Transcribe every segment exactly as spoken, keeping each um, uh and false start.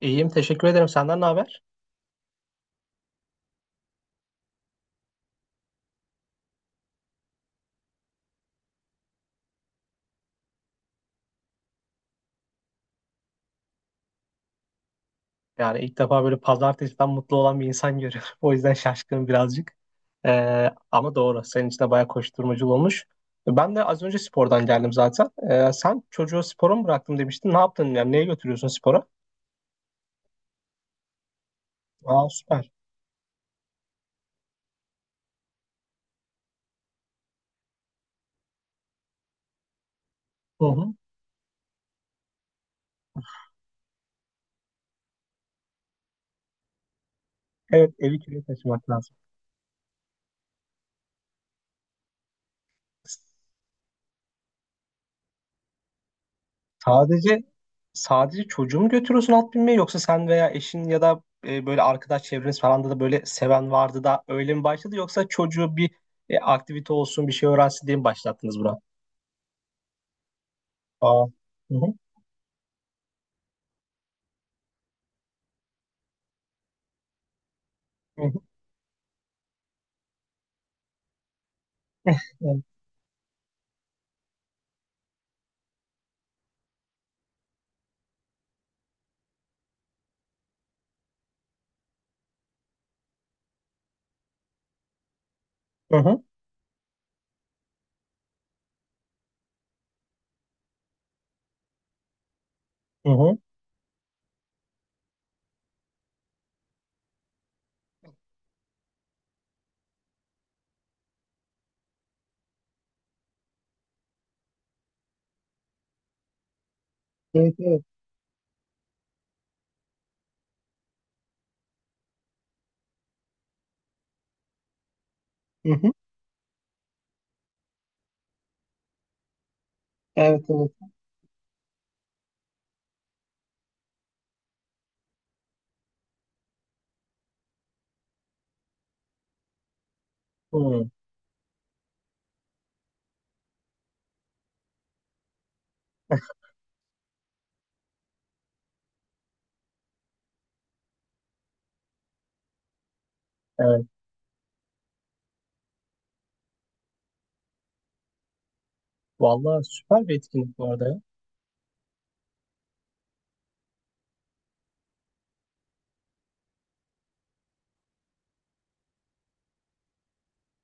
İyiyim, teşekkür ederim. Senden ne haber? Yani ilk defa böyle pazartesiden mutlu olan bir insan görüyorum. O yüzden şaşkınım birazcık. Ee, ama doğru, senin için de bayağı koşturmacı olmuş. Ben de az önce spordan geldim zaten. Ee, sen çocuğu spora mı bıraktım demiştin. Ne yaptın? Yani neye götürüyorsun spora? Aa, süper. Hı hı. Evet, evi köye taşımak lazım. Sadece sadece çocuğu mu götürüyorsun at binmeye, yoksa sen veya eşin ya da e, böyle arkadaş çevreniz falan da da böyle seven vardı da öyle mi başladı, yoksa çocuğu bir e, aktivite olsun bir şey öğrensin diye mi başlattınız buna? Aa. Hı hı. Hı hı. Evet. Hı hı. Hı hı. Evet, evet. Hı hı. Evet, evet. Hı. Evet. Vallahi süper bir etkinlik bu arada ya.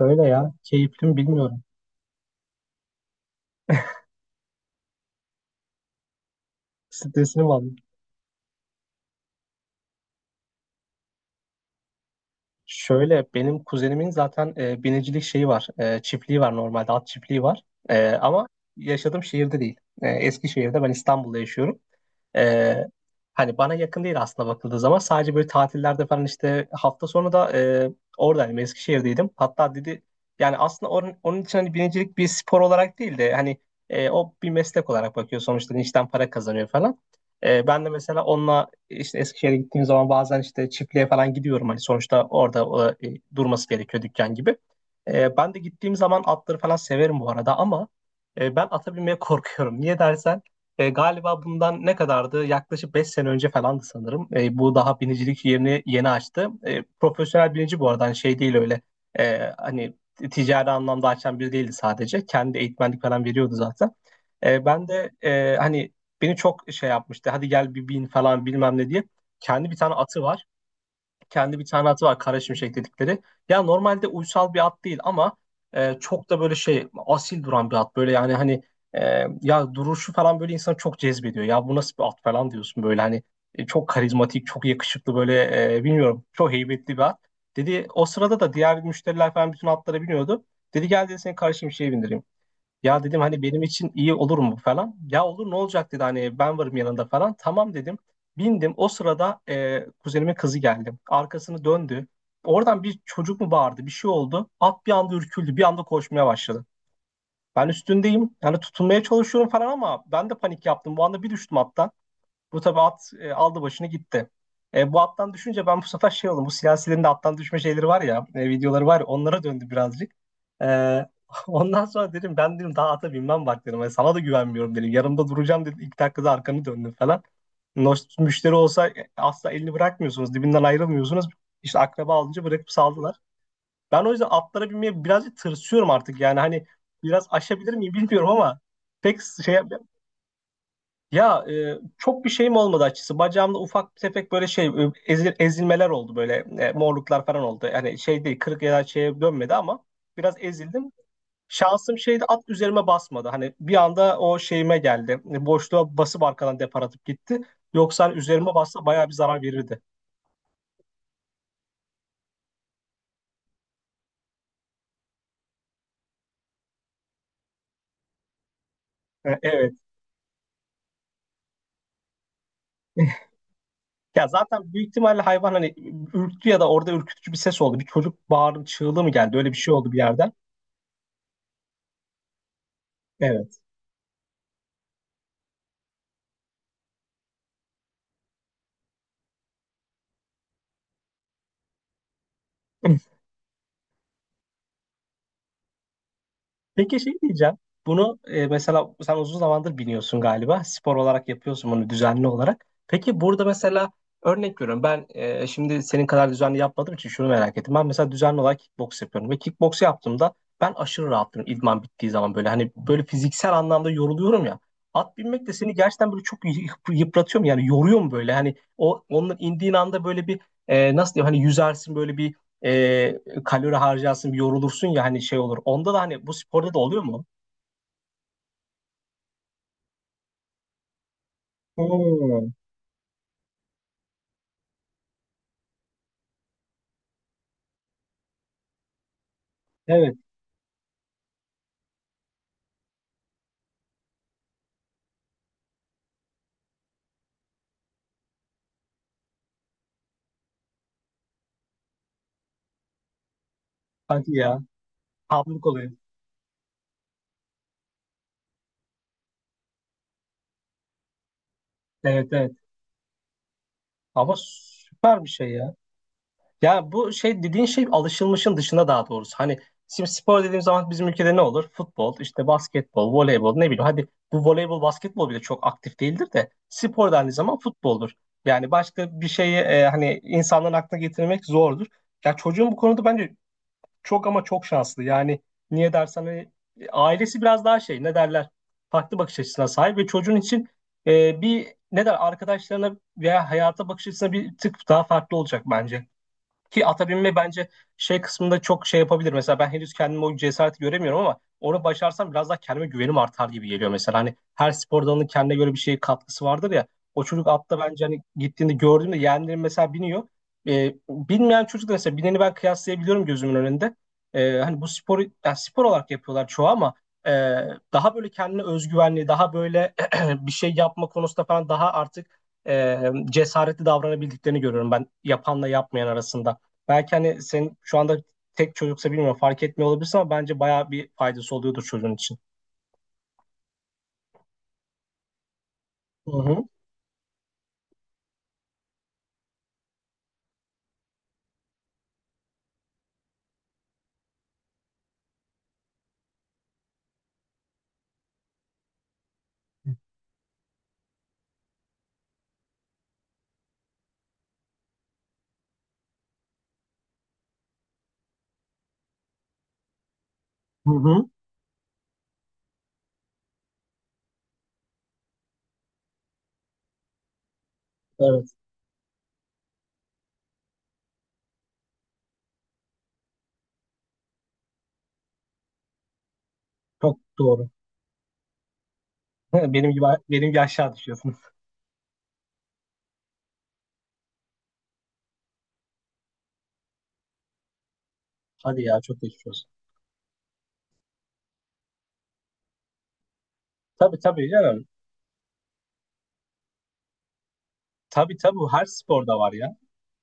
Öyle ya. Keyifli mi bilmiyorum. Stresini mi? Şöyle, benim kuzenimin zaten e, binicilik şeyi var. E, çiftliği var normalde, at çiftliği var. E, ama yaşadığım şehirde değil. E, Eskişehir'de, ben İstanbul'da yaşıyorum. E, Hani bana yakın değil aslında bakıldığı zaman. Sadece böyle tatillerde falan, işte hafta sonu da e, oradaydım, Eskişehir'deydim. Hatta dedi, yani aslında onun, onun için hani binicilik bir spor olarak değil de hani e, o bir meslek olarak bakıyor. Sonuçta işten para kazanıyor falan. E, ben de mesela onunla işte Eskişehir'e gittiğim zaman bazen işte çiftliğe falan gidiyorum. Hani sonuçta orada e, durması gerekiyor dükkan gibi. E, ben de gittiğim zaman atları falan severim bu arada, ama e, ben ata binmeye korkuyorum. Niye dersen, e, galiba bundan ne kadardı? Yaklaşık beş sene önce falandı sanırım. E, bu daha binicilik yerini yeni açtı. E, profesyonel binici bu arada, hani şey değil öyle. E, hani ticari anlamda açan biri değildi sadece. Kendi eğitmenlik falan veriyordu zaten. E, ben de e, hani beni çok şey yapmıştı. Hadi gel bir bin falan bilmem ne diye. Kendi bir tane atı var. Kendi bir tane atı var, Kara Şimşek dedikleri. Ya normalde uysal bir at değil, ama e, çok da böyle şey, asil duran bir at. Böyle, yani hani e, ya duruşu falan böyle insanı çok cezbediyor. Ya bu nasıl bir at falan diyorsun böyle, hani e, çok karizmatik, çok yakışıklı, böyle e, bilmiyorum, çok heybetli bir at. Dedi o sırada da diğer müşteriler falan bütün atlara biniyordu. Dedi gel, dedi, seni Kara Şimşek'e bindireyim. Ya dedim, hani benim için iyi olur mu falan. Ya olur, ne olacak, dedi, hani ben varım yanında falan. Tamam dedim. Bindim. O sırada e, kuzenimin kızı geldi. Arkasını döndü. Oradan bir çocuk mu bağırdı, bir şey oldu. At bir anda ürküldü, bir anda koşmaya başladı. Ben üstündeyim yani, tutunmaya çalışıyorum falan, ama ben de panik yaptım. Bu anda bir düştüm hatta. Bu tabii at e, aldı başını gitti. E, bu attan düşünce ben bu sefer şey oldum. Bu siyasilerin de attan düşme şeyleri var ya, e, videoları var ya, onlara döndü birazcık. E, Ondan sonra dedim, ben dedim daha ata binmem bak dedim. E, sana da güvenmiyorum dedim. Yanımda duracağım dedim. İlk dakikada arkanı döndün falan. Nos- Müşteri olsa e, asla elini bırakmıyorsunuz. Dibinden ayrılmıyorsunuz. İşte akraba alınca bırakıp saldılar. Ben o yüzden atlara binmeye birazcık tırsıyorum artık. Yani hani biraz aşabilir miyim bilmiyorum, ama pek şey, ya e, çok bir şeyim olmadı açıkçası. Bacağımda ufak bir tefek böyle şey, e, ezil- ezilmeler oldu böyle, e, morluklar falan oldu. Yani şey değil, kırık ya da şeye dönmedi, ama biraz ezildim. Şansım şeydi, at üzerime basmadı. Hani bir anda o şeyime geldi. E, Boşluğa basıp arkadan depar atıp gitti. Yoksa hani üzerime bassa bayağı bir zarar verirdi. E, evet. Ya zaten büyük ihtimalle hayvan hani ürktü ya da orada ürkütücü bir ses oldu. Bir çocuk bağırdı, çığlığı mı geldi? Öyle bir şey oldu bir yerden. Evet. Peki şey diyeceğim. Bunu e, mesela sen uzun zamandır biniyorsun galiba. Spor olarak yapıyorsun bunu düzenli olarak. Peki burada mesela örnek veriyorum. Ben e, şimdi senin kadar düzenli yapmadığım için şunu merak ettim. Ben mesela düzenli olarak kickbox yapıyorum. Ve kickbox yaptığımda ben aşırı rahatım idman bittiği zaman böyle. Hani böyle fiziksel anlamda yoruluyorum ya. At binmek de seni gerçekten böyle çok yıp- yıpratıyor mu? Yani yoruyor mu böyle? Hani o onun indiğin anda böyle bir e, nasıl diyeyim? Hani yüzersin böyle bir, e, kalori harcarsın, yorulursun ya, hani şey olur. Onda da hani bu sporda da oluyor mu? Hmm, evet. Hadi ya. Tablık oluyor. Evet, evet. Ama süper bir şey ya. Ya bu şey dediğin şey alışılmışın dışında, daha doğrusu. Hani şimdi spor dediğim zaman bizim ülkede ne olur? Futbol, işte basketbol, voleybol, ne bileyim. Hadi bu voleybol, basketbol bile çok aktif değildir de, spor dendiği zaman futboldur. Yani başka bir şeyi e, hani insanların aklına getirmek zordur. Ya çocuğun bu konuda bence çok ama çok şanslı. Yani niye dersen hani e, ailesi biraz daha şey, ne derler, farklı bakış açısına sahip ve çocuğun için e, bir, ne der, arkadaşlarına veya hayata bakış açısına bir tık daha farklı olacak bence. Ki ata binme bence şey kısmında çok şey yapabilir. Mesela ben henüz kendime o cesareti göremiyorum, ama onu başarsam biraz daha kendime güvenim artar gibi geliyor mesela. Hani her spor dalının kendine göre bir şey katkısı vardır ya. O çocuk atta bence hani gittiğinde gördüğümde yeğenlerim mesela biniyor. Ee, bilmeyen çocuk da mesela, bineni ben kıyaslayabiliyorum gözümün önünde. Ee, hani bu sporu yani spor olarak yapıyorlar çoğu, ama e, daha böyle kendine özgüvenli, daha böyle bir şey yapma konusunda falan daha artık e, cesaretli davranabildiklerini görüyorum ben yapanla yapmayan arasında. Belki hani senin şu anda tek çocuksa bilmiyorum, fark etmiyor olabilirsin, ama bence bayağı bir faydası oluyordur çocuğun için. Hı hı. Hı hı. Evet. Çok doğru. Benim gibi benim gibi aşağı düşüyorsun. Hadi ya, çok geçmiş olsun. Tabii tabii canım. Tabii tabii, bu her sporda var ya.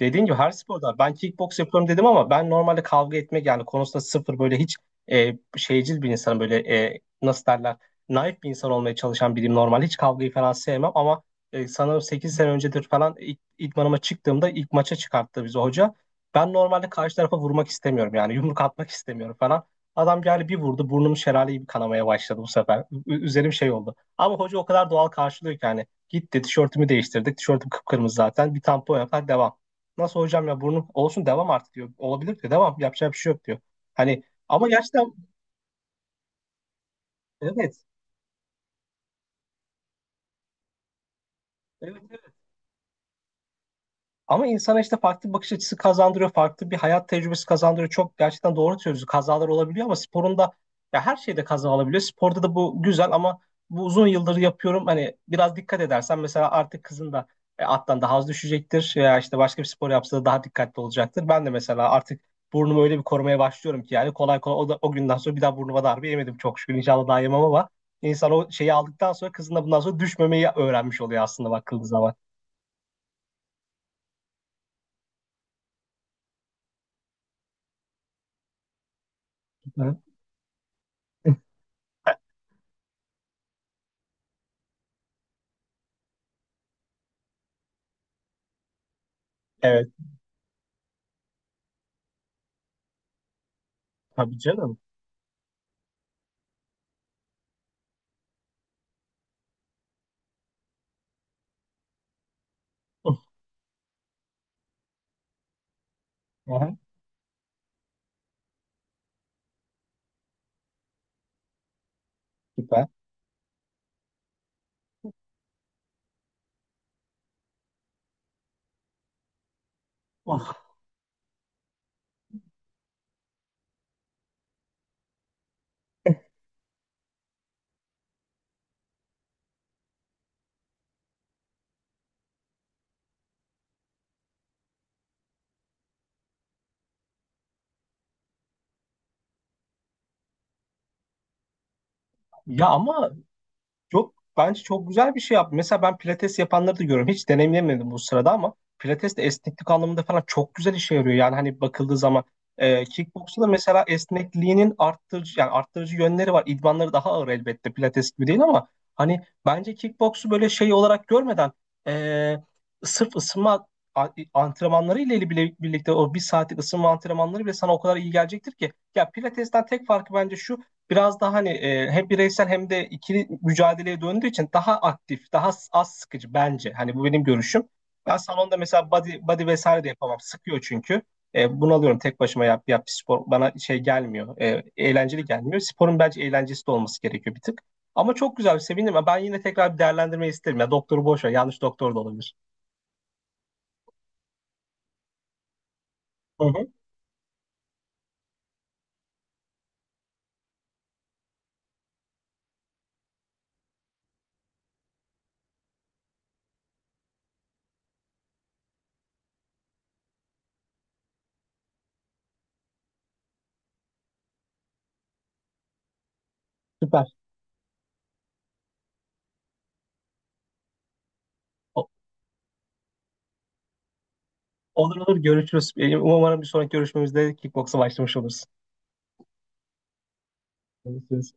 Dediğin gibi her sporda, ben kickbox yapıyorum dedim, ama ben normalde kavga etmek yani konusunda sıfır, böyle hiç e, şeycil bir insanım, böyle e, nasıl derler, naif bir insan olmaya çalışan biriyim, normalde hiç kavgayı falan sevmem, ama e, sanırım sekiz sene öncedir falan ilk, idmanıma çıktığımda ilk maça çıkarttı bizi hoca. Ben normalde karşı tarafa vurmak istemiyorum, yani yumruk atmak istemiyorum falan. Adam geldi bir vurdu, burnum şelale gibi kanamaya başladı bu sefer. Ü- üzerim şey oldu. Ama hoca o kadar doğal karşılıyor ki, hani gitti tişörtümü değiştirdik. Tişörtüm kıpkırmızı zaten. Bir tampon yapar, devam. Nasıl hocam ya, burnu olsun devam artık diyor. Olabilir diyor. Devam, yapacak bir şey yok diyor. Hani ama gerçekten, evet. Evet, evet. Ama insana işte farklı bir bakış açısı kazandırıyor, farklı bir hayat tecrübesi kazandırıyor. Çok gerçekten doğru söylüyorsun. Kazalar olabiliyor, ama sporunda, ya her şeyde kaza olabiliyor. Sporda da bu güzel, ama bu uzun yıldır yapıyorum. Hani biraz dikkat edersen mesela artık kızın da e, attan daha az düşecektir. Ya işte başka bir spor yapsa da daha dikkatli olacaktır. Ben de mesela artık burnumu öyle bir korumaya başlıyorum ki, yani kolay kolay o, da, o günden sonra bir daha burnuma darbe yemedim çok şükür. İnşallah daha yemem, ama insan o şeyi aldıktan sonra kızın da bundan sonra düşmemeyi öğrenmiş oluyor aslında bakıldığı zaman. Hı. Evet. Tabii canım. Aha, süper. Ah. Ya ama çok bence çok güzel bir şey yaptı. Mesela ben pilates yapanları da görüyorum. Hiç deneyimlemedim bu sırada, ama pilates de esneklik anlamında falan çok güzel işe yarıyor. Yani hani bakıldığı zaman e, kickboksta da mesela esnekliğinin arttırıcı yani arttırıcı yönleri var. İdmanları daha ağır elbette, pilates gibi değil, ama hani bence kickboksu böyle şey olarak görmeden e, sırf ısınma a- antrenmanları ile bile birlikte o bir saatlik ısınma antrenmanları bile sana o kadar iyi gelecektir ki. Ya pilatesten tek farkı bence şu, biraz daha hani e, hem bireysel hem de ikili mücadeleye döndüğü için daha aktif, daha az sıkıcı bence. Hani bu benim görüşüm. Ben salonda mesela body, body vesaire de yapamam. Sıkıyor çünkü. E, bunalıyorum tek başıma, yap, yap bir spor. Bana şey gelmiyor. E, eğlenceli gelmiyor. Sporun bence eğlencesi de olması gerekiyor bir tık. Ama çok güzel, sevindim. Ya, ben yine tekrar bir değerlendirmeyi isterim. Ya doktoru boş ver. Yanlış doktor da olabilir. Hı hı. Süper. O- olur olur, görüşürüz. E, Umarım bir sonraki görüşmemizde kickboksa başlamış oluruz. Görüşürüz.